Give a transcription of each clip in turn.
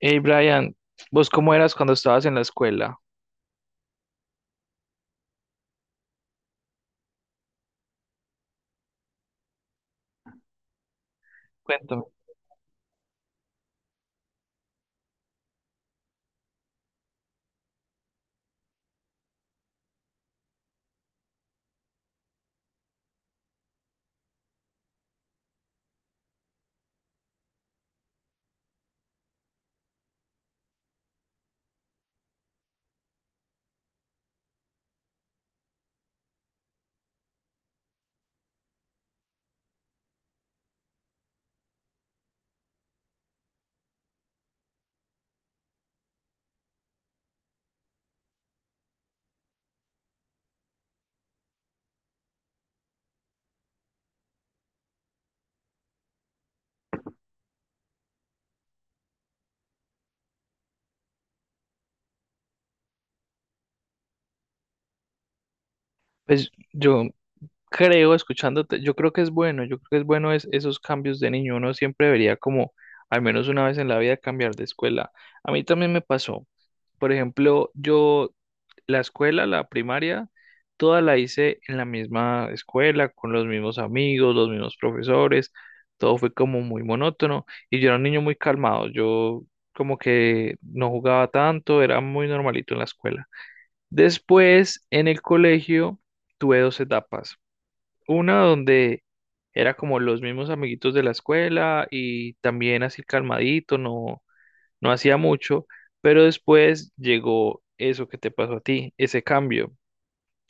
Hey Brian, ¿vos cómo eras cuando estabas en la escuela? Cuéntame. Pues yo creo, escuchándote, yo creo que es bueno, esos cambios de niño. Uno siempre debería como al menos una vez en la vida cambiar de escuela. A mí también me pasó. Por ejemplo, yo La escuela, la primaria, toda la hice en la misma escuela, con los mismos amigos, los mismos profesores, todo fue como muy monótono y yo era un niño muy calmado, yo como que no jugaba tanto, era muy normalito en la escuela. Después, en el colegio, tuve dos etapas, una donde era como los mismos amiguitos de la escuela y también así calmadito, no, no hacía mucho, pero después llegó eso que te pasó a ti, ese cambio,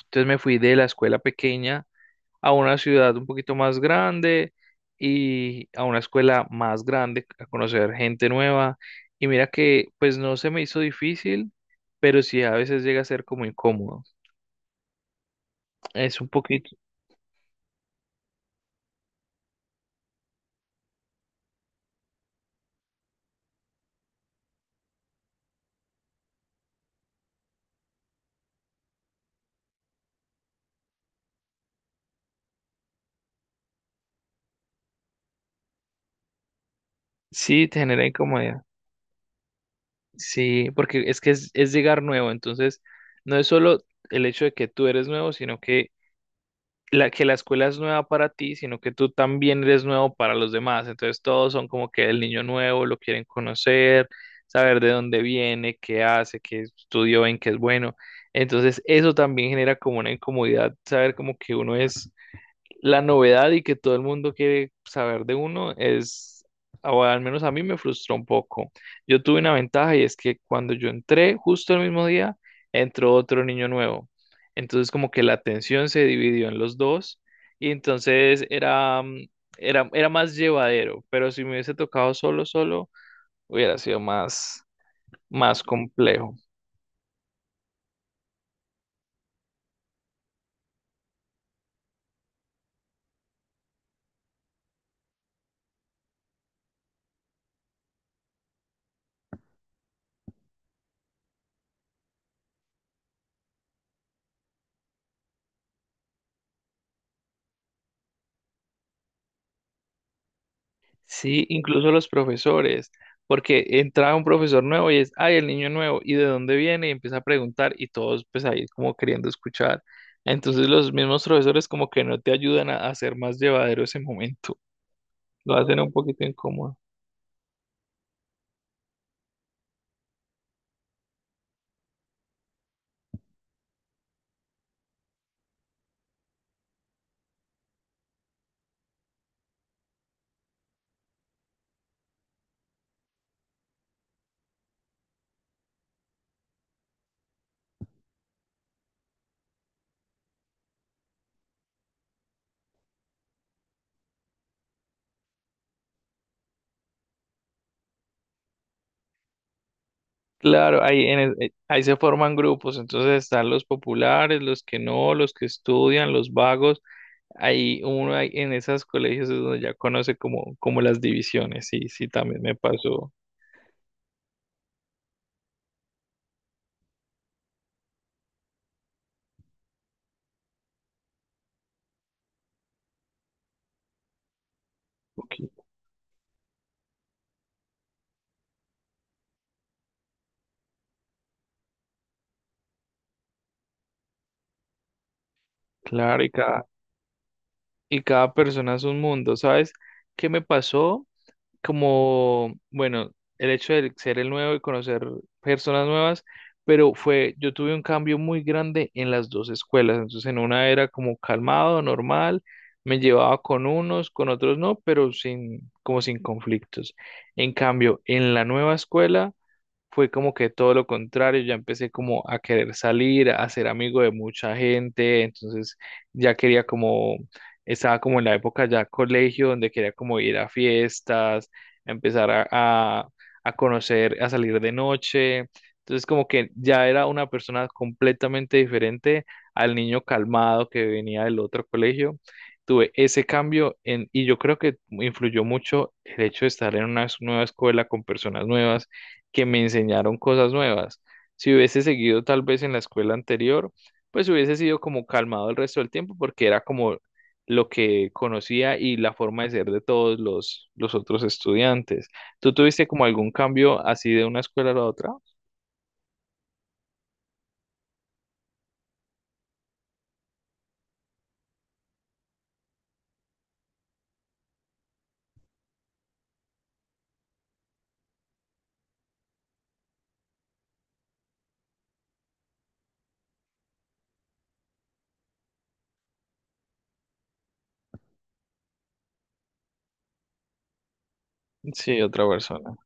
entonces me fui de la escuela pequeña a una ciudad un poquito más grande y a una escuela más grande, a conocer gente nueva. Y mira que pues no se me hizo difícil, pero sí a veces llega a ser como incómodo. Es un poquito, sí, te genera incomodidad. Sí, porque es es llegar nuevo, entonces no es solo el hecho de que tú eres nuevo, sino que la escuela es nueva para ti, sino que tú también eres nuevo para los demás. Entonces todos son como que el niño nuevo, lo quieren conocer, saber de dónde viene, qué hace, qué estudió, en qué es bueno. Entonces eso también genera como una incomodidad, saber como que uno es la novedad y que todo el mundo quiere saber de uno es, o al menos a mí me frustró un poco. Yo tuve una ventaja y es que cuando yo entré, justo el mismo día, entró otro niño nuevo. Entonces como que la atención se dividió en los dos y entonces era más llevadero, pero si me hubiese tocado solo, solo, hubiera sido más, más complejo. Sí, incluso los profesores, porque entra un profesor nuevo y es, ay, el niño nuevo, ¿y de dónde viene? Y empieza a preguntar y todos pues ahí como queriendo escuchar. Entonces los mismos profesores como que no te ayudan a hacer más llevadero ese momento, lo hacen un poquito incómodo. Claro, ahí, ahí se forman grupos, entonces están los populares, los que no, los que estudian, los vagos. Ahí uno ahí en esos colegios es donde ya conoce como, como las divisiones, sí, sí, también me pasó. Ok. Claro. Y cada persona es un mundo, ¿sabes? ¿Qué me pasó? Como, bueno, el hecho de ser el nuevo y conocer personas nuevas, pero fue, yo tuve un cambio muy grande en las dos escuelas, entonces en una era como calmado, normal, me llevaba con unos, con otros no, pero sin, como sin conflictos. En cambio, en la nueva escuela fue como que todo lo contrario, ya empecé como a querer salir, a ser amigo de mucha gente, entonces ya quería como, estaba como en la época ya colegio, donde quería como ir a fiestas, a empezar a, a, a conocer, a salir de noche, entonces como que ya era una persona completamente diferente al niño calmado que venía del otro colegio. Tuve ese cambio en, y yo creo que influyó mucho el hecho de estar en una nueva escuela con personas nuevas que me enseñaron cosas nuevas. Si hubiese seguido tal vez en la escuela anterior, pues hubiese sido como calmado el resto del tiempo porque era como lo que conocía y la forma de ser de todos los otros estudiantes. ¿Tú tuviste como algún cambio así de una escuela a la otra? Sí, otra persona.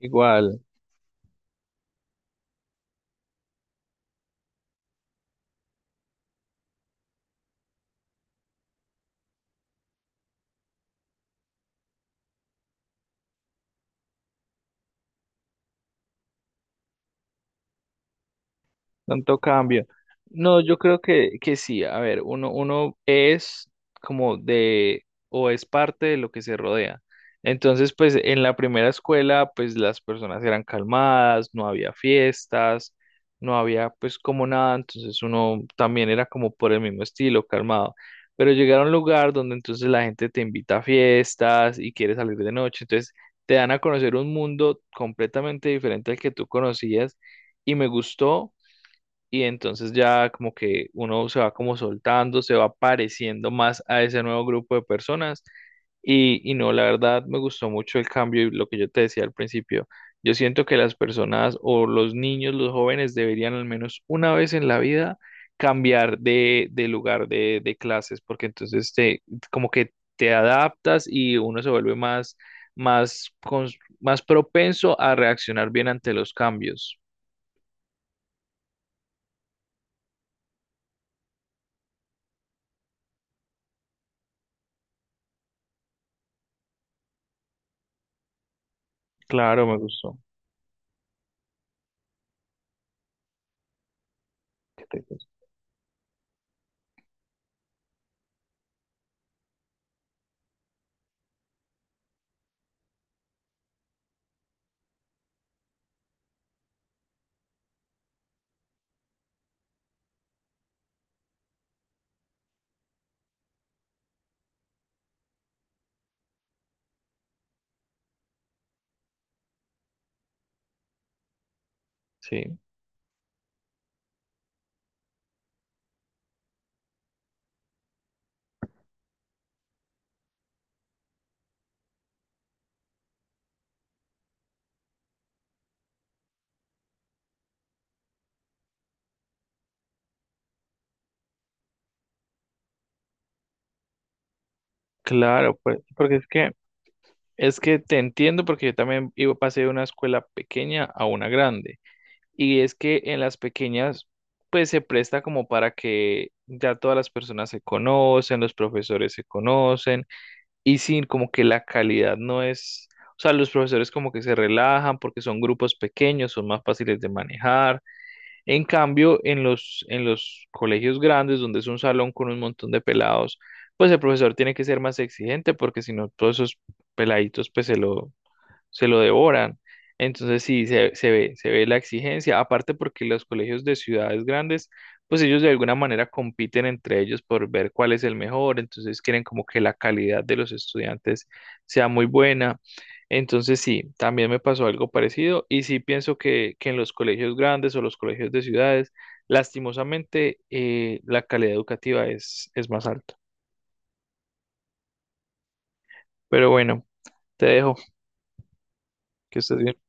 Igual. Tanto cambio. No, yo creo que sí. A ver, uno es como de, o es parte de lo que se rodea. Entonces, pues en la primera escuela, pues las personas eran calmadas, no había fiestas, no había pues como nada. Entonces uno también era como por el mismo estilo, calmado. Pero llegar a un lugar donde entonces la gente te invita a fiestas y quiere salir de noche. Entonces te dan a conocer un mundo completamente diferente al que tú conocías y me gustó y entonces ya como que uno se va como soltando, se va pareciendo más a ese nuevo grupo de personas y, no, la verdad me gustó mucho el cambio y lo que yo te decía al principio, yo siento que las personas o los niños, los jóvenes deberían al menos una vez en la vida cambiar de lugar de clases porque entonces te, como que te adaptas y uno se vuelve más, más propenso a reaccionar bien ante los cambios. Claro, me gustó. ¿Qué te- Sí, claro, pues, porque es que te entiendo porque yo también iba, pasé de una escuela pequeña a una grande. Y es que en las pequeñas, pues se presta como para que ya todas las personas se conocen, los profesores se conocen, y sin como que la calidad no es, o sea, los profesores como que se relajan porque son grupos pequeños, son más fáciles de manejar. En cambio, en los colegios grandes, donde es un salón con un montón de pelados, pues el profesor tiene que ser más exigente porque si no, todos esos peladitos se lo devoran. Entonces sí, se ve la exigencia, aparte porque los colegios de ciudades grandes, pues ellos de alguna manera compiten entre ellos por ver cuál es el mejor, entonces quieren como que la calidad de los estudiantes sea muy buena. Entonces sí, también me pasó algo parecido y sí pienso que en los colegios grandes o los colegios de ciudades, lastimosamente, la calidad educativa es más alta. Pero bueno, te dejo, que estés bien.